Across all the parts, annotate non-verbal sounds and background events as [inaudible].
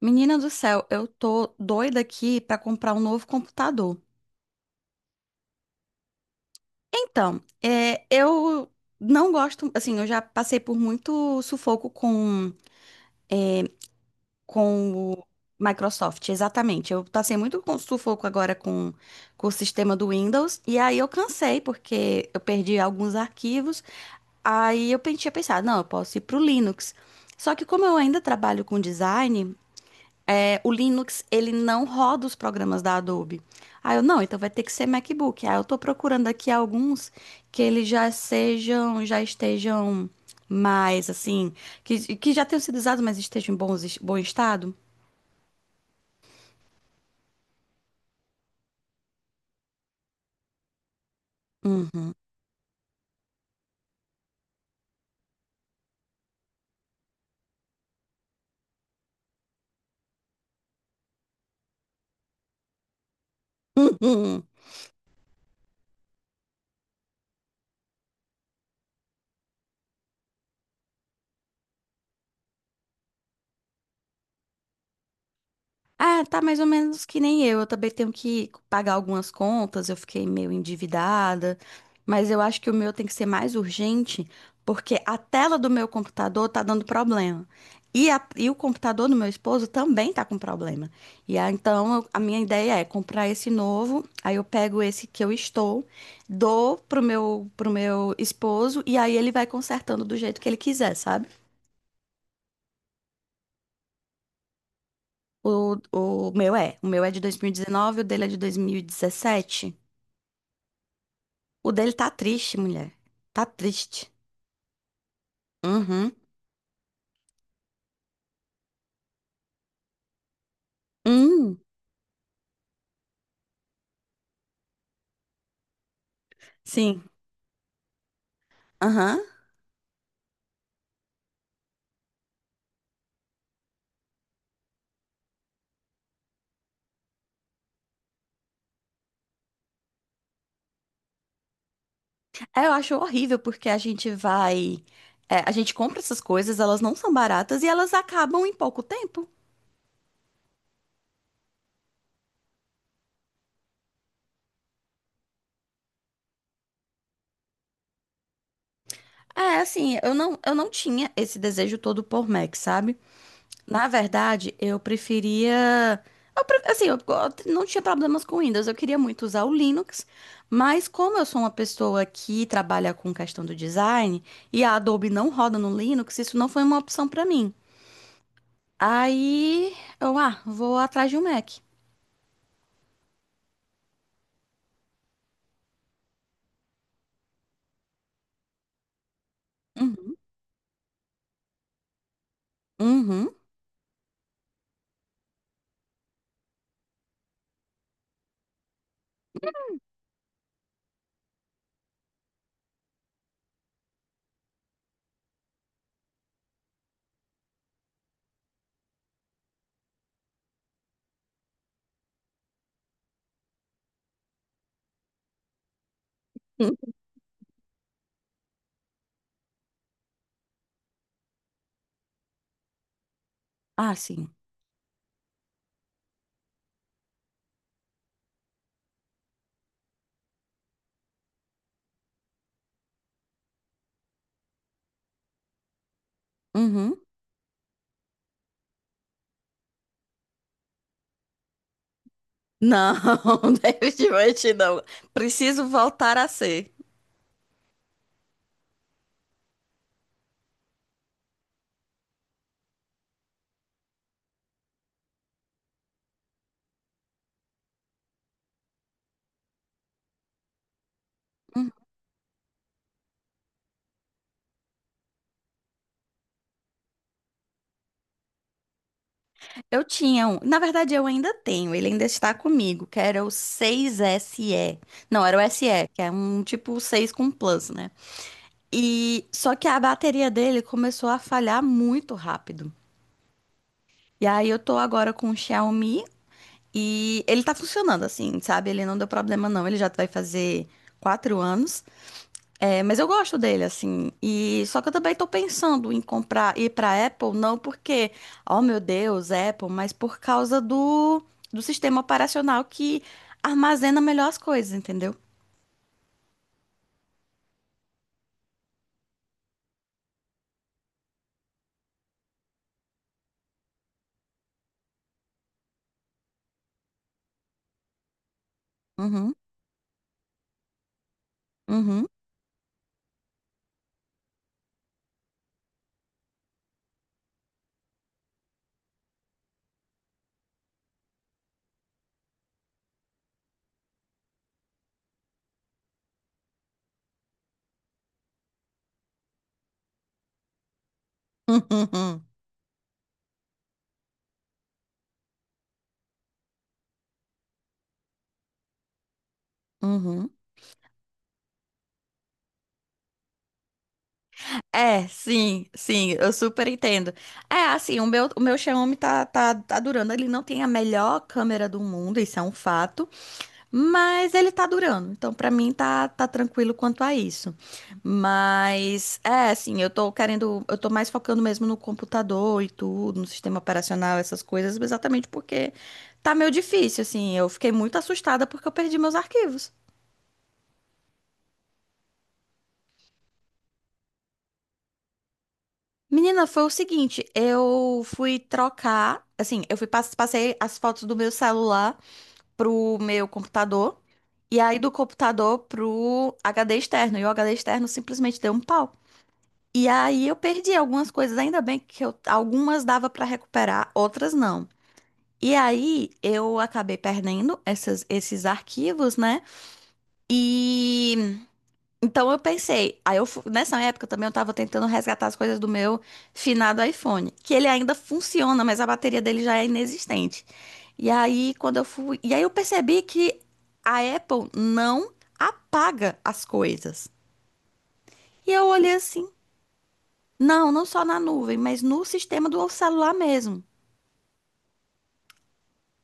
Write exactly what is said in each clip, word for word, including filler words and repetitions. Menina do céu, eu tô doida aqui pra comprar um novo computador. Então, é, eu não gosto, assim, eu já passei por muito sufoco com, com o Microsoft, exatamente. Eu passei muito com sufoco agora com, com o sistema do Windows, e aí eu cansei, porque eu perdi alguns arquivos. Aí eu pen- tinha pensado, não, eu posso ir pro Linux. Só que como eu ainda trabalho com design, é, o Linux, ele não roda os programas da Adobe. Aí eu, não, então vai ter que ser MacBook. Aí eu tô procurando aqui alguns que eles já sejam, já estejam mais, assim, que, que já tenham sido usados, mas estejam em bons, es- bom estado. Uhum. [laughs] Ah, tá mais ou menos que nem eu. Eu também tenho que pagar algumas contas, eu fiquei meio endividada, mas eu acho que o meu tem que ser mais urgente, porque a tela do meu computador tá dando problema. E, a- e o computador do meu esposo também tá com problema. E aí, então, eu- a minha ideia é comprar esse novo, aí eu pego esse que eu estou, dou pro meu, pro meu esposo, e aí ele vai consertando do jeito que ele quiser, sabe? O, o meu é. O meu é de dois mil e dezenove, o dele é de dois mil e dezessete. O dele tá triste, mulher. Tá triste. Uhum. Hum, sim. Aham. É, eu acho horrível porque a gente vai. é, a gente compra essas coisas, elas não são baratas e elas acabam em pouco tempo. É, assim, eu não, eu não tinha esse desejo todo por Mac, sabe? Na verdade, eu preferia. eu pre- Assim, eu go- não tinha problemas com Windows, eu queria muito usar o Linux, mas como eu sou uma pessoa que trabalha com questão do design e a Adobe não roda no Linux, isso não foi uma opção pra mim. Aí eu, ah, vou atrás de um Mac. Uhum. Uhum. [laughs] Hum. Ah, sim. Uhum. Não, [laughs] definitivamente não. Preciso voltar a ser. Uhum. Eu tinha um. Na verdade, eu ainda tenho. Ele ainda está comigo, que era o seis S E. Não, era o esse é, que é um tipo seis com plus, né? E só que a bateria dele começou a falhar muito rápido. E aí eu tô agora com o Xiaomi e ele tá funcionando assim, sabe? Ele não deu problema não. Ele já vai fazer quatro anos. É, mas eu gosto dele, assim. E só que eu também tô pensando em comprar, ir pra Apple, não porque, oh meu Deus, Apple, mas por causa do, do sistema operacional que armazena melhor as coisas, entendeu? Uhum, uhum, [laughs] uhum, uhum. É, sim, sim, eu super entendo. É, assim, o meu, o meu Xiaomi tá, tá, tá durando. Ele não tem a melhor câmera do mundo, isso é um fato. Mas ele tá durando, então pra mim tá, tá tranquilo quanto a isso. Mas é assim, eu tô querendo, eu tô mais focando mesmo no computador e tudo, no sistema operacional, essas coisas, exatamente porque tá meio difícil, assim. Eu fiquei muito assustada porque eu perdi meus arquivos. Menina, foi o seguinte, eu fui trocar, assim, eu fui pass- passei as fotos do meu celular pro meu computador e aí do computador pro H D externo, e o H D externo simplesmente deu um pau. E aí eu perdi algumas coisas, ainda bem que eu- algumas dava para recuperar, outras não. E aí eu acabei perdendo essas- esses arquivos, né? E então eu pensei, aí eu fu- nessa época também eu tava tentando resgatar as coisas do meu finado iPhone, que ele ainda funciona, mas a bateria dele já é inexistente. E aí quando eu fui, e aí eu percebi que a Apple não apaga as coisas. E eu olhei assim, não, não só na nuvem, mas no sistema do celular mesmo.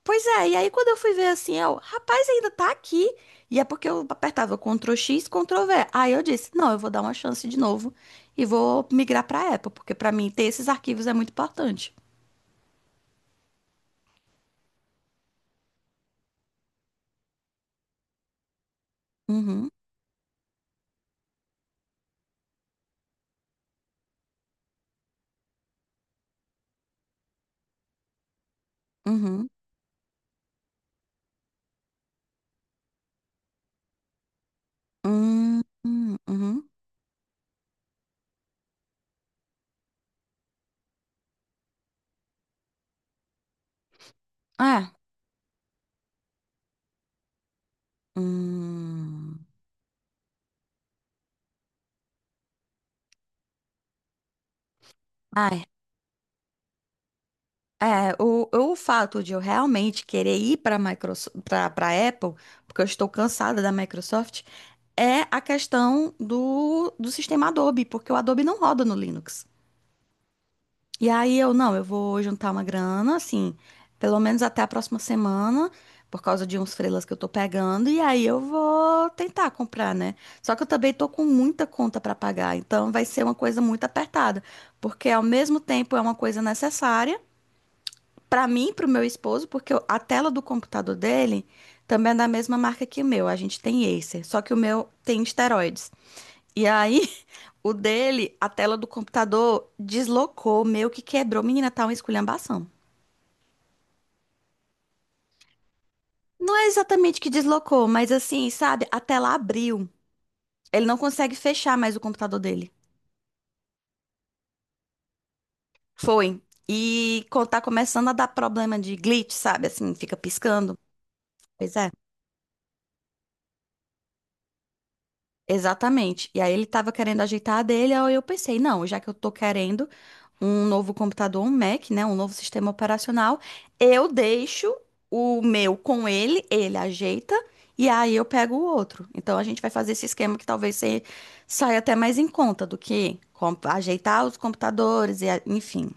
Pois é, e aí quando eu fui ver assim, eu, rapaz, ainda tá aqui. E é porque eu apertava Ctrl X, Ctrl V. Aí eu disse, não, eu vou dar uma chance de novo e vou migrar pra Apple, porque pra mim ter esses arquivos é muito importante. Uhum, uhum, uhum, uhum. É. Hum. Ai, É, o, o fato de eu realmente querer ir para Microsoft, para Apple, porque eu estou cansada da Microsoft, é a questão do, do sistema Adobe, porque o Adobe não roda no Linux. E aí eu, não, eu vou juntar uma grana, assim, pelo menos até a próxima semana, por causa de uns freelas que eu tô pegando, e aí eu vou tentar comprar, né? Só que eu também tô com muita conta para pagar, então vai ser uma coisa muito apertada, porque ao mesmo tempo é uma coisa necessária para mim, para o meu esposo, porque eu- a tela do computador dele também é da mesma marca que o meu. A gente tem Acer, só que o meu tem esteroides. E aí, [laughs] o dele, a tela do computador deslocou, meio que quebrou. Menina, tá uma esculhambação. Não é exatamente que deslocou, mas assim, sabe? A tela abriu. Ele não consegue fechar mais o computador dele. Foi. E co- tá começando a dar problema de glitch, sabe? Assim, fica piscando. Pois é. Exatamente. E aí ele tava querendo ajeitar a dele, aí eu pensei, não, já que eu tô querendo um novo computador, um Mac, né, um novo sistema operacional, eu deixo o meu com ele, ele ajeita e aí eu pego o outro. Então a gente vai fazer esse esquema que talvez se- saia até mais em conta do que com- ajeitar os computadores e a- enfim.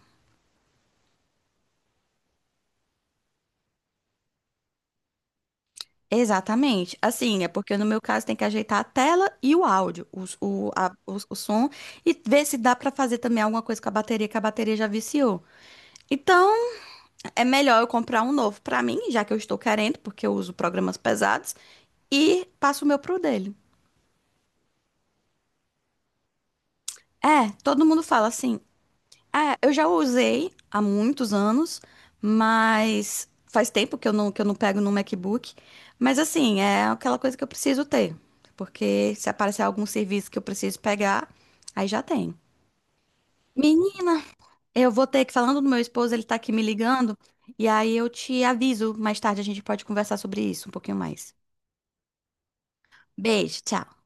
Exatamente. Assim, é porque no meu caso tem que ajeitar a tela e o áudio, os- o, a- os- o, som, e ver se dá pra fazer também alguma coisa com a bateria, que a bateria já viciou. Então, é melhor eu comprar um novo pra mim, já que eu estou querendo, porque eu uso programas pesados, e passo o meu pro dele. É, todo mundo fala assim. É, eu já usei há muitos anos, mas faz tempo que eu não, que eu não, pego no MacBook. Mas assim, é aquela coisa que eu preciso ter. Porque se aparecer algum serviço que eu preciso pegar, aí já tem. Menina, eu vou ter que, falando do meu esposo, ele tá aqui me ligando. E aí eu te aviso mais tarde, a gente pode conversar sobre isso um pouquinho mais. Beijo, tchau.